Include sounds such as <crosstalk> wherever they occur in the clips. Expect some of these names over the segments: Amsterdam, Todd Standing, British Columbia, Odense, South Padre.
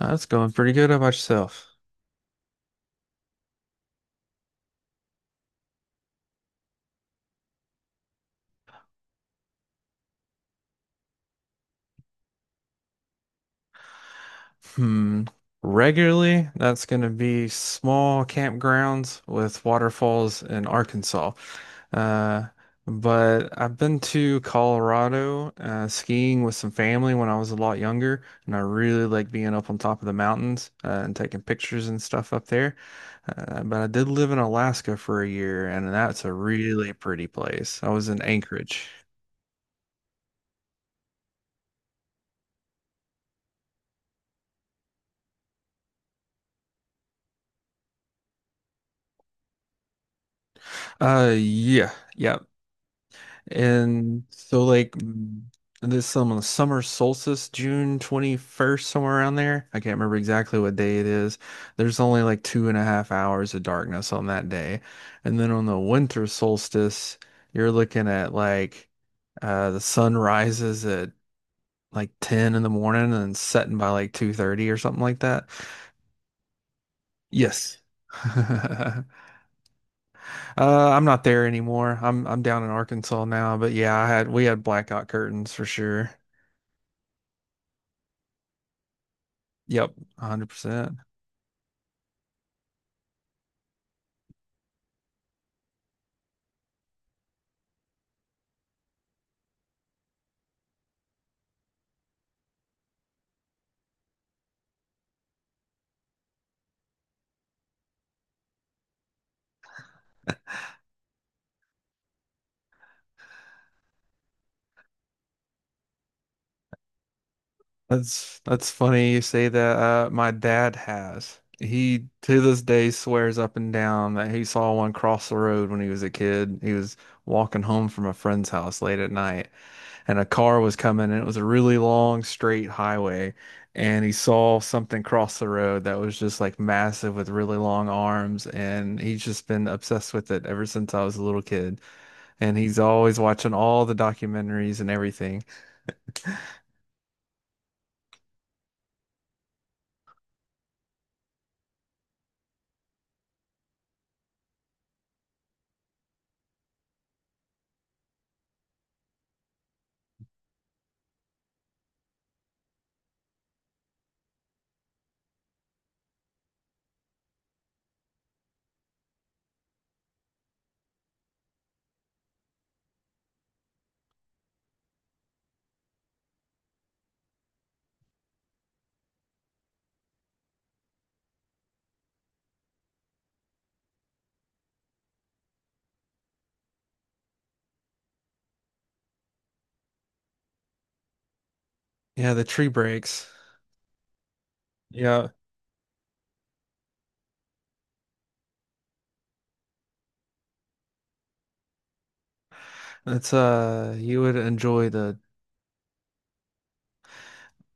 That's going pretty good. How about yourself? Hmm. Regularly, that's going to be small campgrounds with waterfalls in Arkansas. Uh, but I've been to Colorado skiing with some family when I was a lot younger, and I really like being up on top of the mountains and taking pictures and stuff up there. But I did live in Alaska for a year, and that's a really pretty place. I was in Anchorage. Yeah, yeah. And so like this some summer solstice, June 21st, somewhere around there. I can't remember exactly what day it is. There's only like 2.5 hours of darkness on that day. And then on the winter solstice, you're looking at like the sun rises at like 10 in the morning and setting by like 2:30 or something like that. Yes. <laughs> I'm not there anymore. I'm down in Arkansas now, but yeah, I had we had blackout curtains for sure. Yep, 100%. That's funny you say that. My dad has. He to this day swears up and down that he saw one cross the road when he was a kid. He was walking home from a friend's house late at night, and a car was coming, and it was a really long straight highway, and he saw something cross the road that was just like massive with really long arms, and he's just been obsessed with it ever since I was a little kid, and he's always watching all the documentaries and everything. Yeah, the tree breaks. Yeah, it's you would enjoy the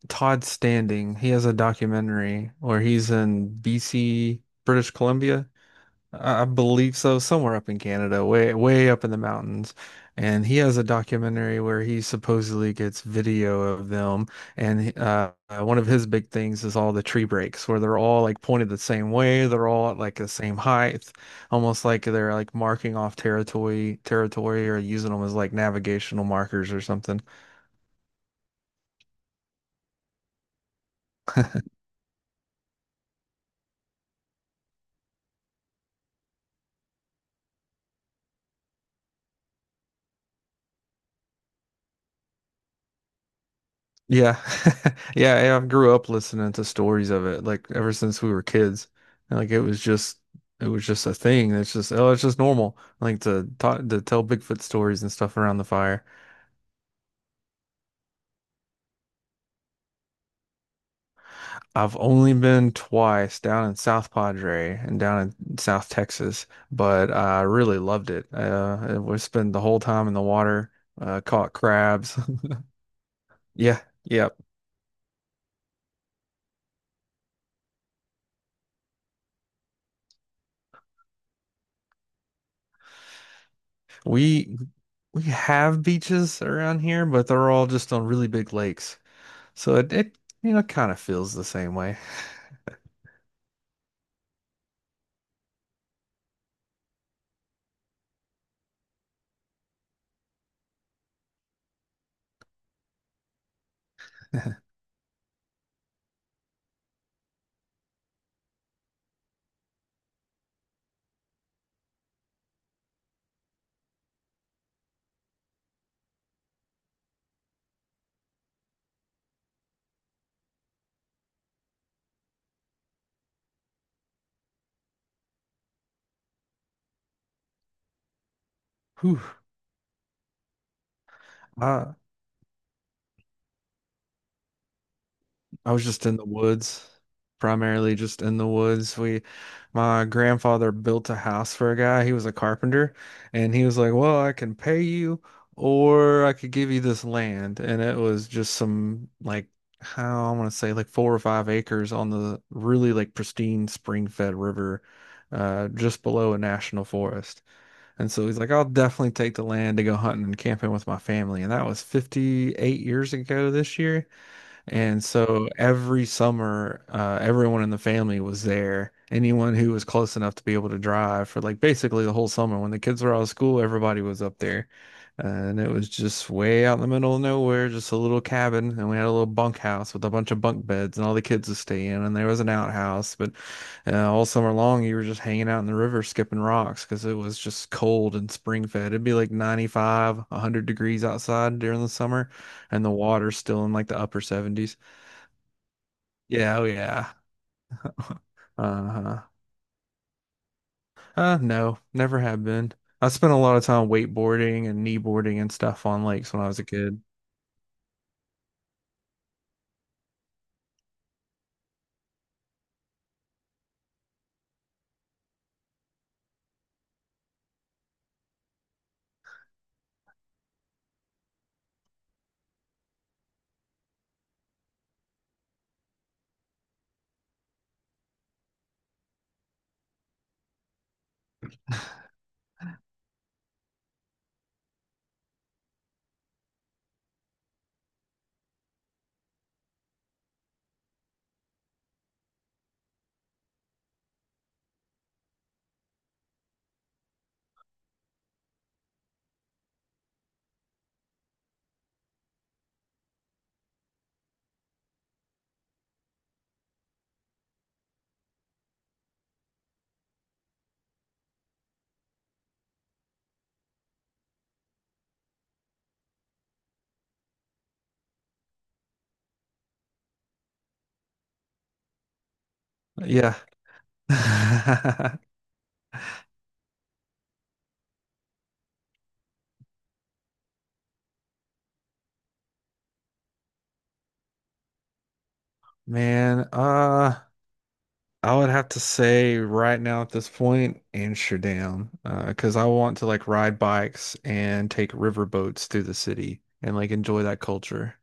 Todd Standing. He has a documentary where he's in BC, British Columbia, I believe so, somewhere up in Canada, way up in the mountains. And he has a documentary where he supposedly gets video of them. And one of his big things is all the tree breaks, where they're all like pointed the same way, they're all at like the same height, almost like they're like marking off territory, or using them as like navigational markers or something. Yeah. <laughs> Yeah, yeah, I grew up listening to stories of it like ever since we were kids. Like it was just a thing. It's just oh, it's just normal like to tell Bigfoot stories and stuff around the fire. I've only been twice down in South Padre and down in South Texas, but I really loved it. We spent the whole time in the water, caught crabs. <laughs> Yeah, yeah. We we have beaches around here, but they're all just on really big lakes. So it you know kind of feels the same way. <laughs> Whew. Uh, I was just in the woods, primarily just in the woods. My grandfather built a house for a guy. He was a carpenter, and he was like, "Well, I can pay you, or I could give you this land." And it was just some like how I want to say like 4 or 5 acres on the really like pristine spring-fed river, just below a national forest. And so he's like, I'll definitely take the land to go hunting and camping with my family. And that was 58 years ago this year. And so every summer, everyone in the family was there. Anyone who was close enough to be able to drive for like basically the whole summer. When the kids were out of school, everybody was up there. And it was just way out in the middle of nowhere, just a little cabin. And we had a little bunkhouse with a bunch of bunk beds, and all the kids would stay in. And there was an outhouse. But all summer long, you were just hanging out in the river, skipping rocks because it was just cold and spring fed. It'd be like 95, 100 degrees outside during the summer and the water's still in like the upper 70s. Yeah, oh yeah. Uh-huh. No, never have been. I spent a lot of time wakeboarding and kneeboarding and stuff on lakes when I was a kid. Yeah. <laughs> Man, I would have to say right now at this point, Amsterdam, because I want to like ride bikes and take river boats through the city and like enjoy that culture.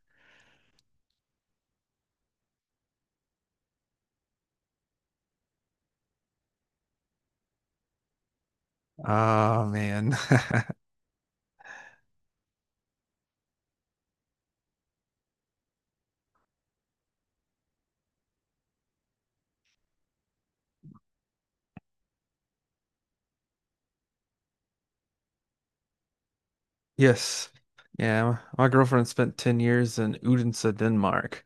Oh man. <laughs> Yes. Yeah. My girlfriend spent 10 years in Odense, Denmark,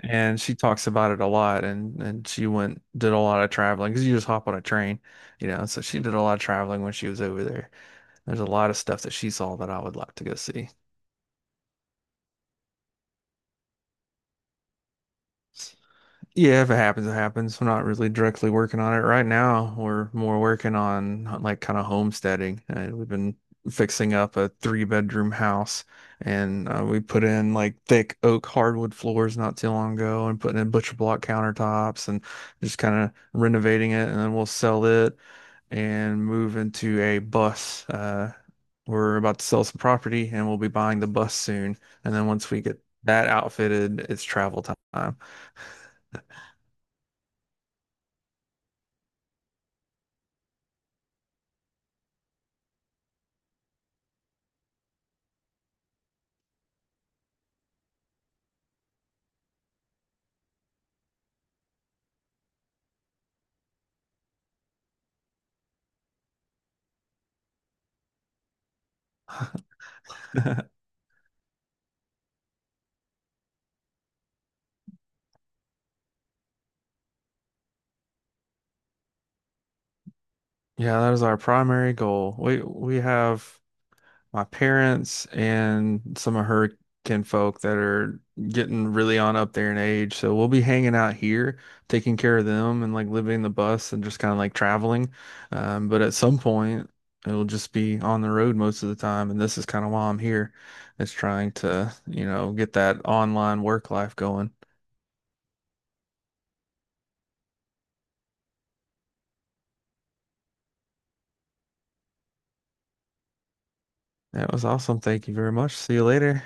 and she talks about it a lot. And she went, did a lot of traveling because you just hop on a train, you know. So she did a lot of traveling when she was over there. There's a lot of stuff that she saw that I would like to go see. Yeah, if it happens, it happens. I'm not really directly working on it right now. We're more working on like kind of homesteading. We've been fixing up a three-bedroom house and we put in like thick oak hardwood floors not too long ago and putting in butcher block countertops and just kind of renovating it. And then we'll sell it and move into a bus. We're about to sell some property and we'll be buying the bus soon. And then once we get that outfitted, it's travel time. <laughs> Yeah, that is our primary goal. We have my parents and some of her kinfolk that are getting really on up there in age. So we'll be hanging out here, taking care of them and like living the bus and just kind of like traveling. But at some point, it'll just be on the road most of the time. And this is kind of why I'm here, is trying to, you know, get that online work life going. That was awesome. Thank you very much. See you later.